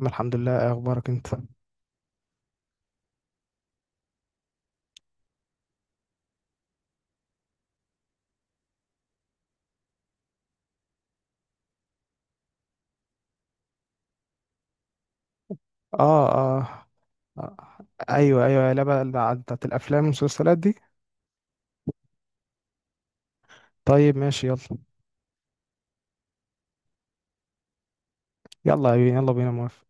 أنا الحمد لله. إيه اخبارك انت؟ اه اه آه. ايوه ايوه، لا بقى، لا، بتاعت الافلام والمسلسلات دي. طيب ماشي، يلا. يلا بينا، يلا بينا، موافق.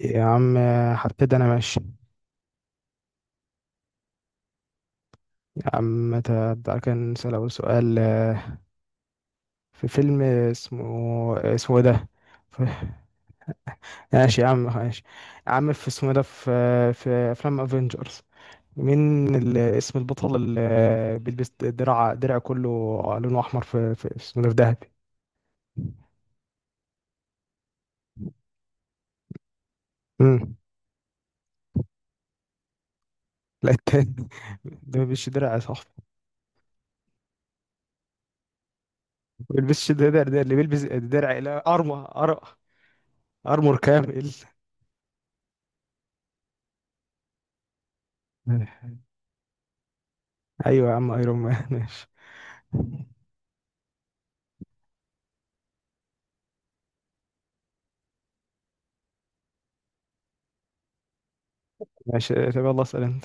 يا عم آه، هبتدي انا، ماشي. يا عم تعالى كده نسأل اول سؤال، في فيلم اسمه إيه ده؟ ف- ماشي يا عم، ماشي. يا عم في، اسمه إيه ده؟ في في افلام افنجرز، مين اسم البطل اللي بيلبس درع؟ كله لونه احمر، في اسمه إيه ده في؟ دهب. لا، التاني ده ما بيلبسش درع يا صاحبي. ما بيلبسش درع، ده اللي بيلبس درع، لا ارمر، ارمر كامل. ايوه يا عم، ايرون مان. ماشي ماشي. طب يلا اسال انت.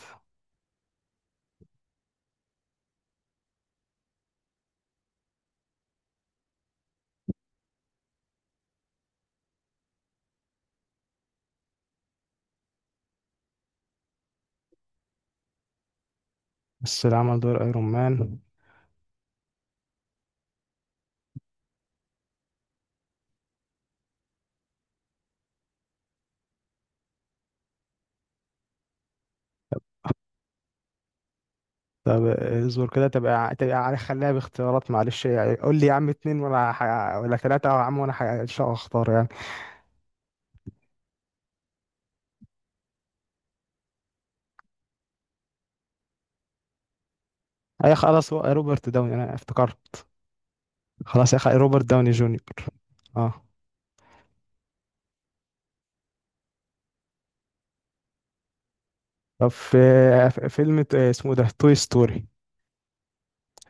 بس اللي عمل دور ايرون مان. طب اصبر كده، تبقى عارف، خليها باختيارات معلش يعني. قول لي يا عم اتنين ولا ولا ثلاثة يا عم، وانا ان شاء الله اختار يعني. اي خلاص، هو روبرت داوني، انا افتكرت. خلاص يا اخي، روبرت داوني جونيور. اه. طب في، فيلم اسمه ده توي ستوري،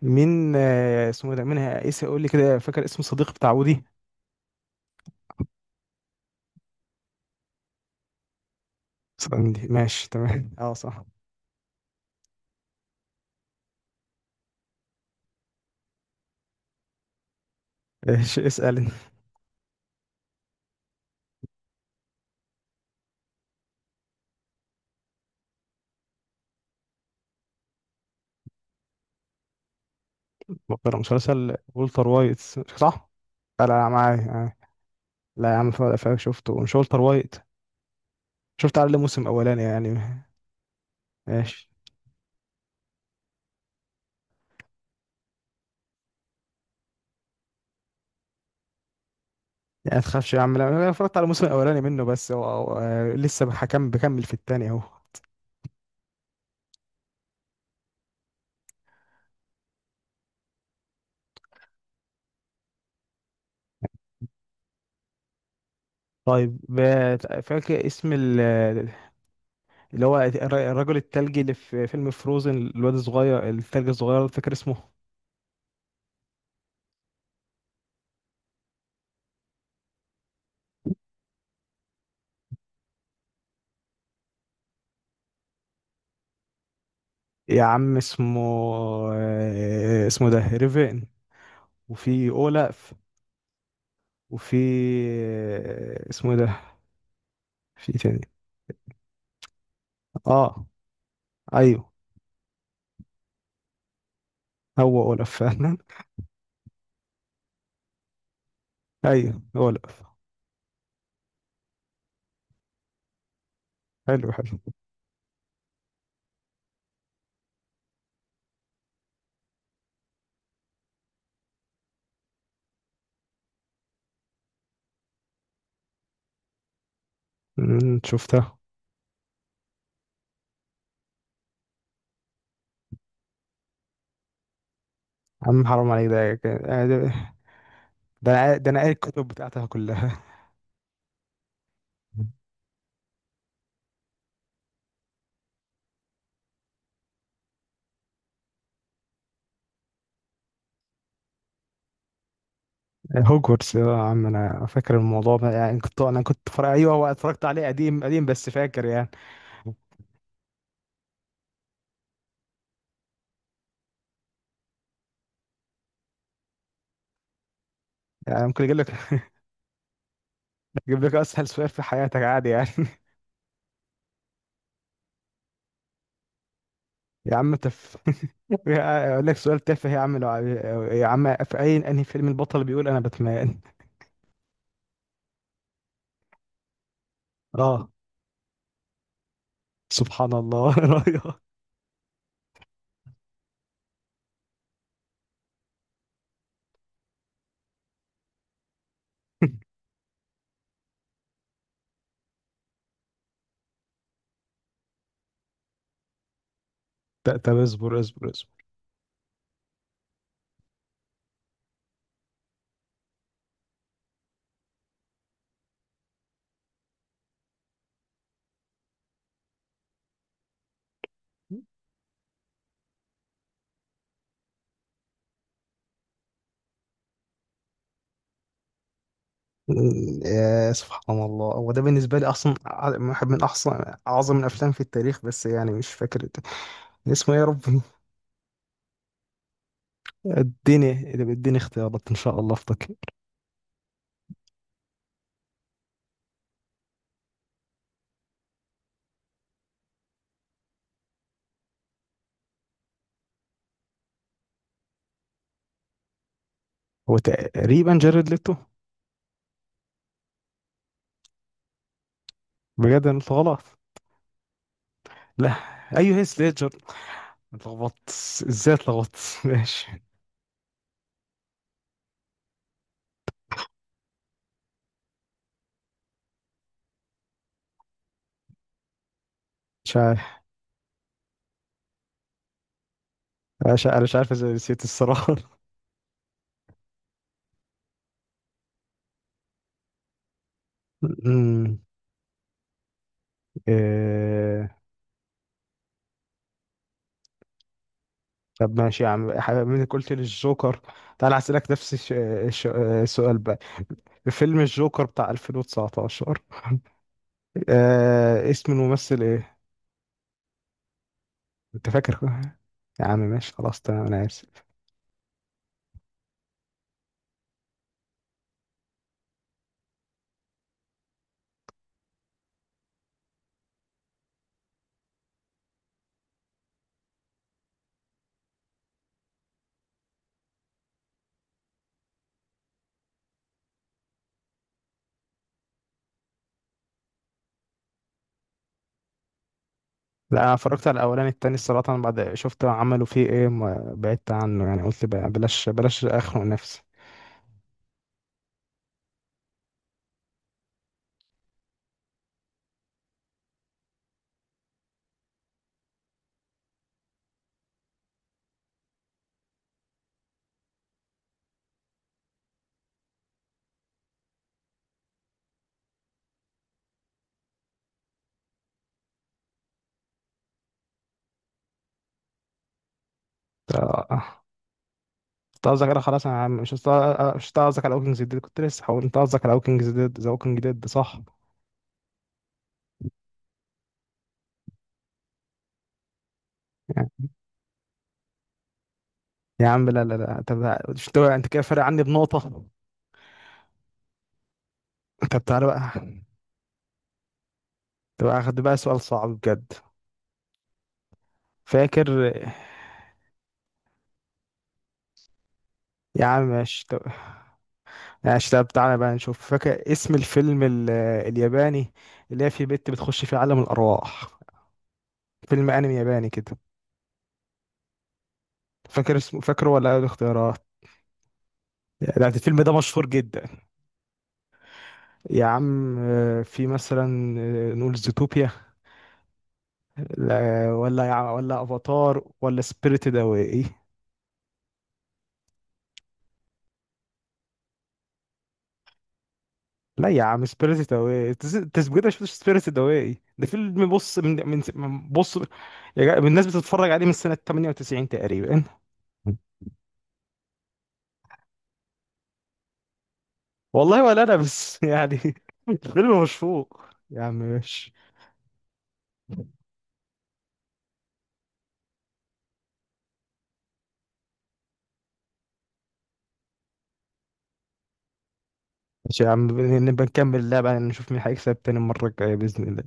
مين اسمه ده؟ مين اسم، قول لي كده، فاكر اسم الصديق بتاع ودي؟ ساندي، ماشي تمام، اه صح. ايش، اسال انت. مقرر مسلسل ولتر وايت. صح. لا لا، معايا معايا. لا يا عم، فاهم فاهم، شفته. مش ولتر وايت؟ شفت على الموسم الاولاني يعني. ماشي. يعني ما تخافش يا عم، لا، انا اتفرجت على الموسم الاولاني منه بس، لسه بحكم، بكمل في التاني اهو. طيب، فاكر اسم اللي هو الرجل التلجي اللي في فيلم فروزن، الواد الصغير التلج الصغير، فاكر اسمه؟ يا عم اسمه، آه، اسمه ده ريفين، وفي اولاف، وفي آه، اسمه ده في تاني. اه ايوه، هو اولاف فعلا. ايوه، اولاف. حلو حلو. شفتها. عم حرام عليك، ده ده ده أنا قاري الكتب بتاعتها كلها. هوجورتس آه، يا عم انا فاكر الموضوع ده يعني، كنت، انا كنت فرق، ايوه هو اتفرجت عليه قديم قديم، بس فاكر يعني. يعني ممكن اجيب لك، اجيب لك اسهل سؤال في حياتك عادي يعني. يا عم تف. اقول لك سؤال تافه يا عم لو يا عم، في اي، انهي فيلم البطل بيقول انا باتمان؟ اه. سبحان الله رايح. طب اصبر اصبر اصبر. يا سبحان الله، هو ده بالنسبه لي اصلا واحد من احسن، اعظم الافلام في التاريخ، بس يعني مش فاكر اسمه إيه يا ربي. اديني اديني اختيارات، ان شاء الله افتكر. هو تقريبا جاريد ليتو. بجد انا قلت غلط. لا ايوه، هيث ليدجر. اتلخبطت، ازاي اتلخبطت. ماشي. مش عارف. انا مش عارف ازاي نسيت الصراحه. أمم، إيه... طب ماشي يا عم، من قلت لي الجوكر، تعال اسالك نفس السؤال بقى. فيلم الجوكر بتاع 2019، آه... اسم الممثل ايه؟ انت فاكر؟ يا عم ماشي، خلاص تمام، انا اسف. لا انا اتفرجت على الاولاني، التاني الصراحه أنا بعد شفت عملوا فيه ايه ما بعدت عنه، يعني قلت بقى بلاش، بلاش اخنق نفسي. آه. انت قصدك انا خلاص انا مش انت قصدك على ووكينج ديد؟ كنت لسه هقول انت قصدك على ووكينج ديد، ذا ووكينج ديد، صح. يعني. يا عم لا لا لا، طب مش انت، انت كده فارق عني بنقطة. طب تعالى بقى، طب هاخد بقى سؤال صعب بجد. فاكر يا عم؟ ماشي طب. ماشي، طب تعالى بقى نشوف، فاكر اسم الفيلم الياباني اللي هي في بنت بتخش في عالم الارواح؟ فيلم انمي ياباني كده، فاكر اسمه؟ فاكره؟ ولا اقول اختيارات؟ يعني الفيلم ده مشهور جدا. يا عم آه، في مثلا، آه، نقول زوتوبيا. لا، ولا افاتار، ولا سبيريتد اواي. لا يا عم، سبيريتد اواي، تسجيل، مش سبيريتد اواي ده فيلم، بص، بص يا الناس بتتفرج عليه من سنة 98 تقريبا. والله، ولا انا بس يعني. الفيلم مشفوق يا عم، ماشي. ماشي يا عم، نبقى نكمل اللعبة نشوف مين هيكسب تاني المرة الجاية بإذن الله.